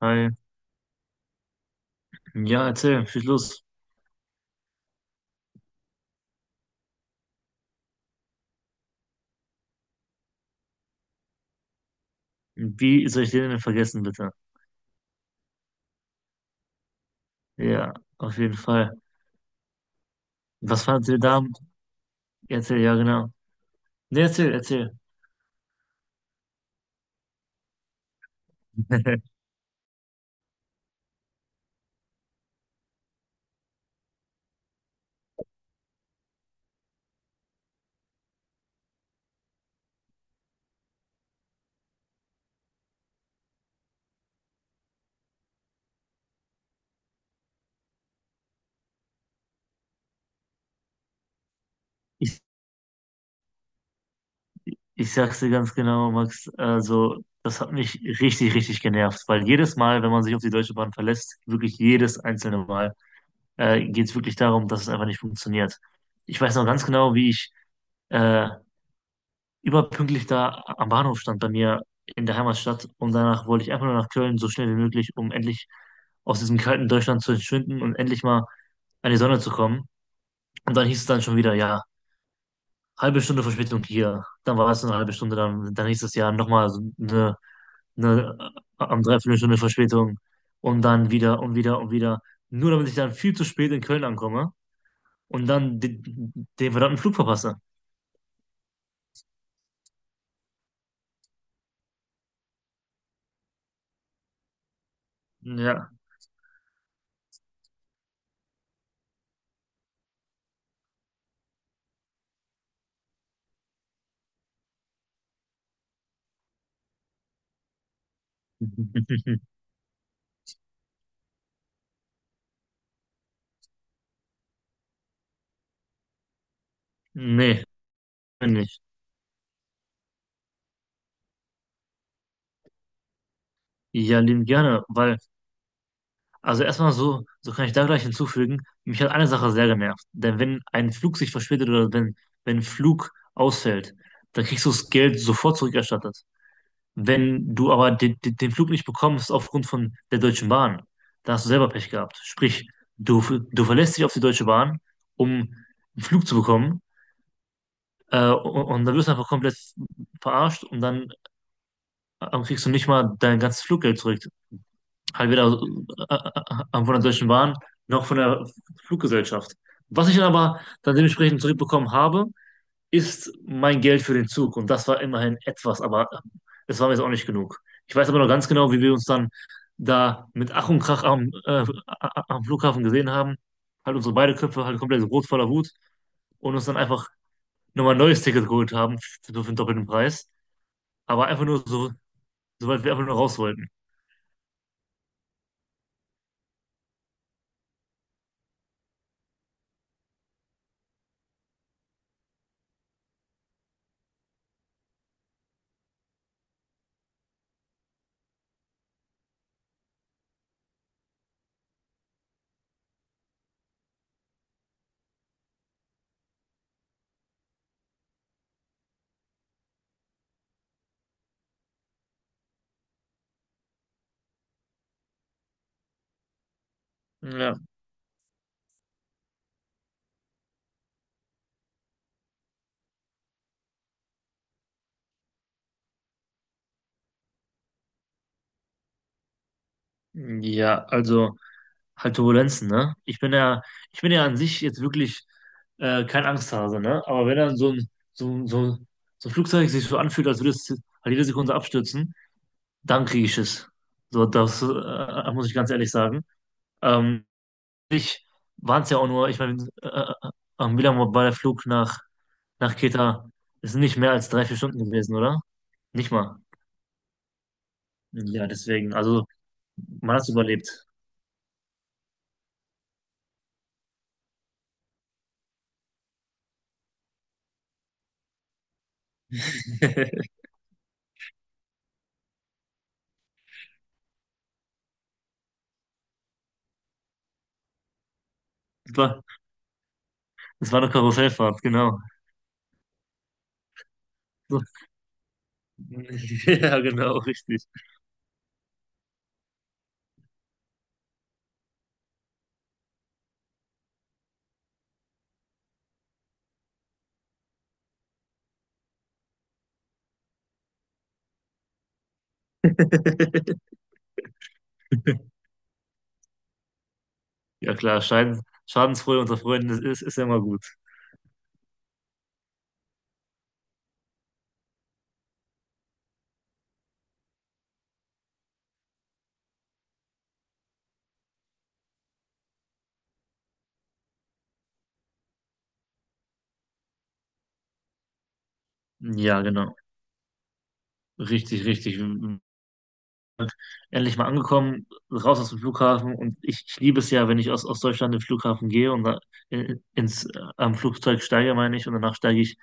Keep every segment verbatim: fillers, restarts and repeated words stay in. Hi. Ja, erzähl, viel los. Wie soll ich den denn vergessen, bitte? Ja, auf jeden Fall. Was fandet ihr da? Erzähl, ja, genau. Nee, erzähl, erzähl. Ich, ich sag's dir ganz genau, Max. Also, das hat mich richtig, richtig genervt, weil jedes Mal, wenn man sich auf die Deutsche Bahn verlässt, wirklich jedes einzelne Mal, äh, geht's wirklich darum, dass es einfach nicht funktioniert. Ich weiß noch ganz genau, wie ich äh, überpünktlich da am Bahnhof stand, bei mir in der Heimatstadt, und danach wollte ich einfach nur nach Köln, so schnell wie möglich, um endlich aus diesem kalten Deutschland zu entschwinden und endlich mal an die Sonne zu kommen. Und dann hieß es dann schon wieder, ja, halbe Stunde Verspätung hier. Dann war es eine halbe Stunde, dann, dann hieß es ja nochmal so eine, eine äh, am Dreiviertelstunde Verspätung und dann wieder und wieder und wieder. Nur damit ich dann viel zu spät in Köln ankomme und dann den, den verdammten Flug verpasse. Ja. Nee, nicht. Ja, lieben gerne, weil, also erstmal so, so kann ich da gleich hinzufügen, mich hat eine Sache sehr genervt. Denn wenn ein Flug sich verspätet oder wenn, wenn ein Flug ausfällt, dann kriegst du das Geld sofort zurückerstattet. Wenn du aber den, den, den Flug nicht bekommst aufgrund von der Deutschen Bahn, dann hast du selber Pech gehabt. Sprich, du, du verlässt dich auf die Deutsche Bahn, um einen Flug zu bekommen, äh, und, und dann wirst du einfach komplett verarscht, und dann äh, kriegst du nicht mal dein ganzes Fluggeld zurück. Halt weder äh, äh, äh, von der Deutschen Bahn noch von der Fluggesellschaft. Was ich dann aber dann dementsprechend zurückbekommen habe, ist mein Geld für den Zug. Und das war immerhin etwas, aber äh, es war mir jetzt auch nicht genug. Ich weiß aber noch ganz genau, wie wir uns dann da mit Ach und Krach am, äh, am Flughafen gesehen haben. Halt unsere beide Köpfe halt komplett so rot voller Wut, und uns dann einfach nochmal ein neues Ticket geholt haben, für, für den doppelten Preis. Aber einfach nur so, soweit wir einfach nur raus wollten. Ja, ja, also halt Turbulenzen, ne? Ich bin ja, ich bin ja an sich jetzt wirklich äh, kein Angsthase, ne? Aber wenn dann so ein, so, ein- so, so ein Flugzeug sich so anfühlt, als würde es halt jede Sekunde abstürzen, dann kriege ich es. So, das äh, muss ich ganz ehrlich sagen. Ähm, ich waren es ja auch nur, ich meine, äh, am Milan war der Flug nach, nach Kreta ist nicht mehr als drei, vier Stunden gewesen, oder? Nicht mal. Ja, deswegen, also man hat es überlebt. Es war, es war eine Karussellfahrt, genau. So, ja, genau, richtig. Ja, klar, Schaden, Schadensfreude unter Freunden ist, ist, ist ja immer gut. Ja, genau. Richtig, richtig. Endlich mal angekommen, raus aus dem Flughafen. Und ich, ich liebe es ja, wenn ich aus, aus Deutschland in den Flughafen gehe und da in, ins, äh, am Flugzeug steige, meine ich, und danach steige ich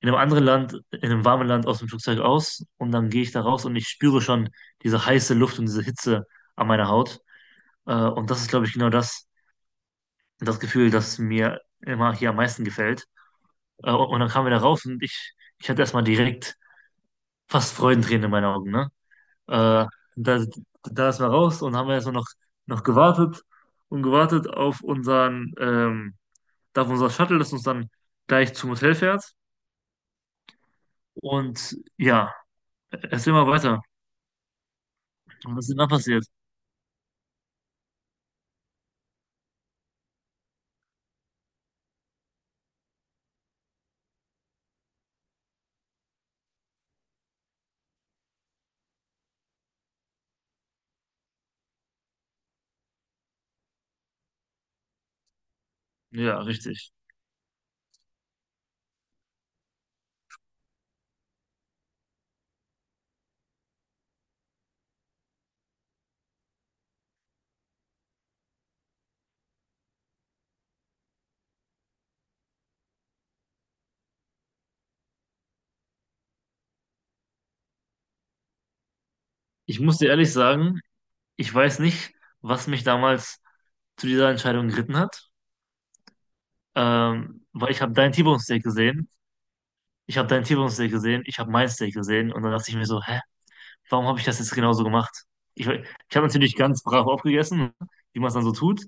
in einem anderen Land, in einem warmen Land aus dem Flugzeug aus, und dann gehe ich da raus und ich spüre schon diese heiße Luft und diese Hitze an meiner Haut. Äh, und das ist, glaube ich, genau das, das Gefühl, das mir immer hier am meisten gefällt. Äh, und dann kamen wir da raus, und ich, ich hatte erstmal direkt fast Freudentränen in meinen Augen, ne? Äh, da, da ist man raus, und haben wir erstmal noch, noch gewartet und gewartet auf unseren, ähm, da auf unser Shuttle, das uns dann gleich zum Hotel fährt. Und ja, erzähl mal weiter. Was ist denn da passiert? Ja, richtig. Ich muss dir ehrlich sagen, ich weiß nicht, was mich damals zu dieser Entscheidung geritten hat, ähm, weil ich habe dein T-Bone Steak gesehen ich habe deinen T-Bone-Steak gesehen, ich habe mein Steak gesehen, und dann dachte ich mir so, hä, warum habe ich das jetzt genauso gemacht? Ich, ich habe natürlich ganz brav aufgegessen, wie man es dann so tut,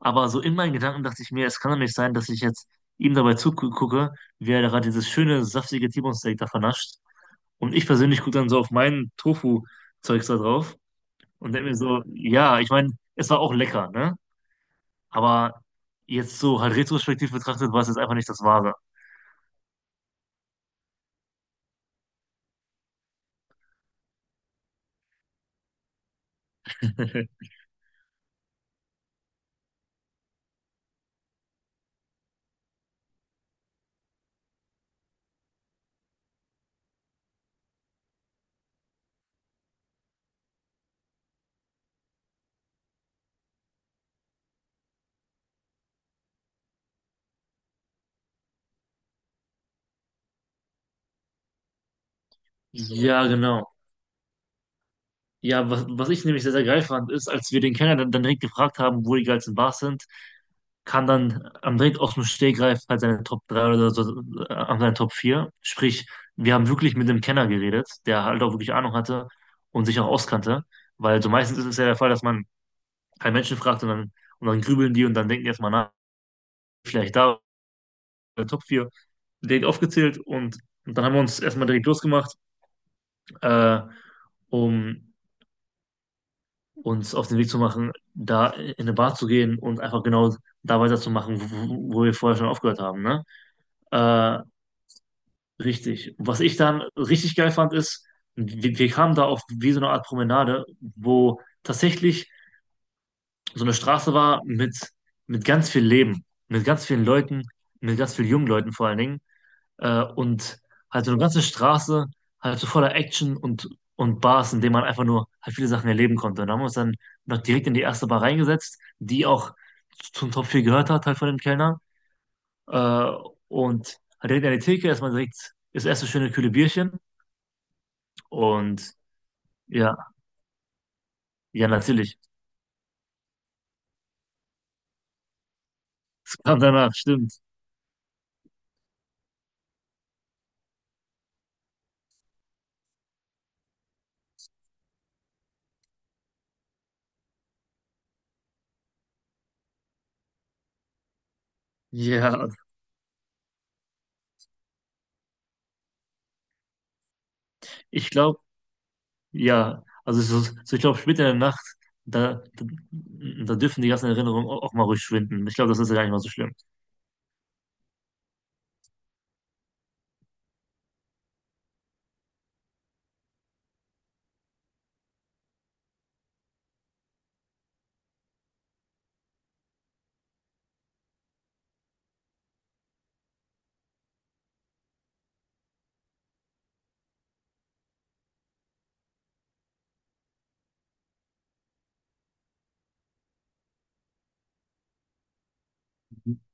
aber so in meinen Gedanken dachte ich mir, es kann doch nicht sein, dass ich jetzt ihm dabei zugucke, wie er gerade dieses schöne, saftige T-Bone-Steak da vernascht, und ich persönlich gucke dann so auf mein Tofu-Zeugs da drauf und denke mir so, ja, ich meine, es war auch lecker, ne? Aber jetzt so halt retrospektiv betrachtet, war es jetzt einfach nicht das Wahre. Ja, genau. Ja, was, was ich nämlich sehr, sehr geil fand, ist, als wir den Kenner dann, dann direkt gefragt haben, wo die geilsten Bars sind, kam dann am direkt aus dem Stegreif halt seine Top drei oder so, äh, an seine Top vier. Sprich, wir haben wirklich mit dem Kenner geredet, der halt auch wirklich Ahnung hatte und sich auch auskannte. Weil so meistens ist es ja der Fall, dass man keinen Menschen fragt und dann, und dann grübeln die, und dann denken die erstmal nach, vielleicht da oder Top vier, direkt aufgezählt, und, und dann haben wir uns erstmal direkt losgemacht, äh, um uns auf den Weg zu machen, da in eine Bar zu gehen und einfach genau da weiterzumachen, wo, wo wir vorher schon aufgehört haben, ne? Äh, Richtig. Was ich dann richtig geil fand, ist, wir, wir kamen da auf wie so eine Art Promenade, wo tatsächlich so eine Straße war mit, mit ganz viel Leben, mit ganz vielen Leuten, mit ganz vielen jungen Leuten vor allen Dingen, äh, und halt so eine ganze Straße, halt so voller Action und, und Bars, in denen man einfach nur halt viele Sachen erleben konnte. Und da haben wir uns dann noch direkt in die erste Bar reingesetzt, die auch zum Top vier gehört hat, halt von dem Kellner. Äh, und halt direkt an die Theke erstmal direkt das erste schöne kühle Bierchen. Und ja, ja, natürlich. Das kam danach, stimmt. Ja, ich glaube, ja. Also, es ist- so, ich glaube, später in der Nacht, da, da, da dürfen die ganzen Erinnerungen au- auch mal ruhig schwinden. Ich glaube, das ist ja gar nicht mal so schlimm.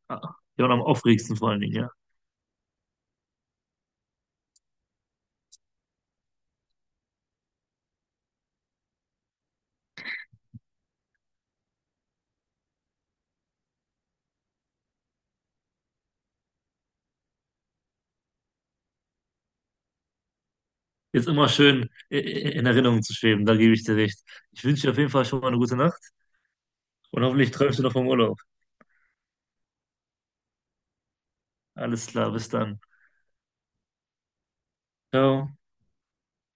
Ja, ja, und am aufregendsten vor allen Dingen, ja. Ist immer schön i- i- in Erinnerung zu schweben, da gebe ich dir recht. Ich wünsche dir auf jeden Fall schon mal eine gute Nacht, und hoffentlich träumst du noch vom Urlaub. Alles klar, bis dann. Ciao.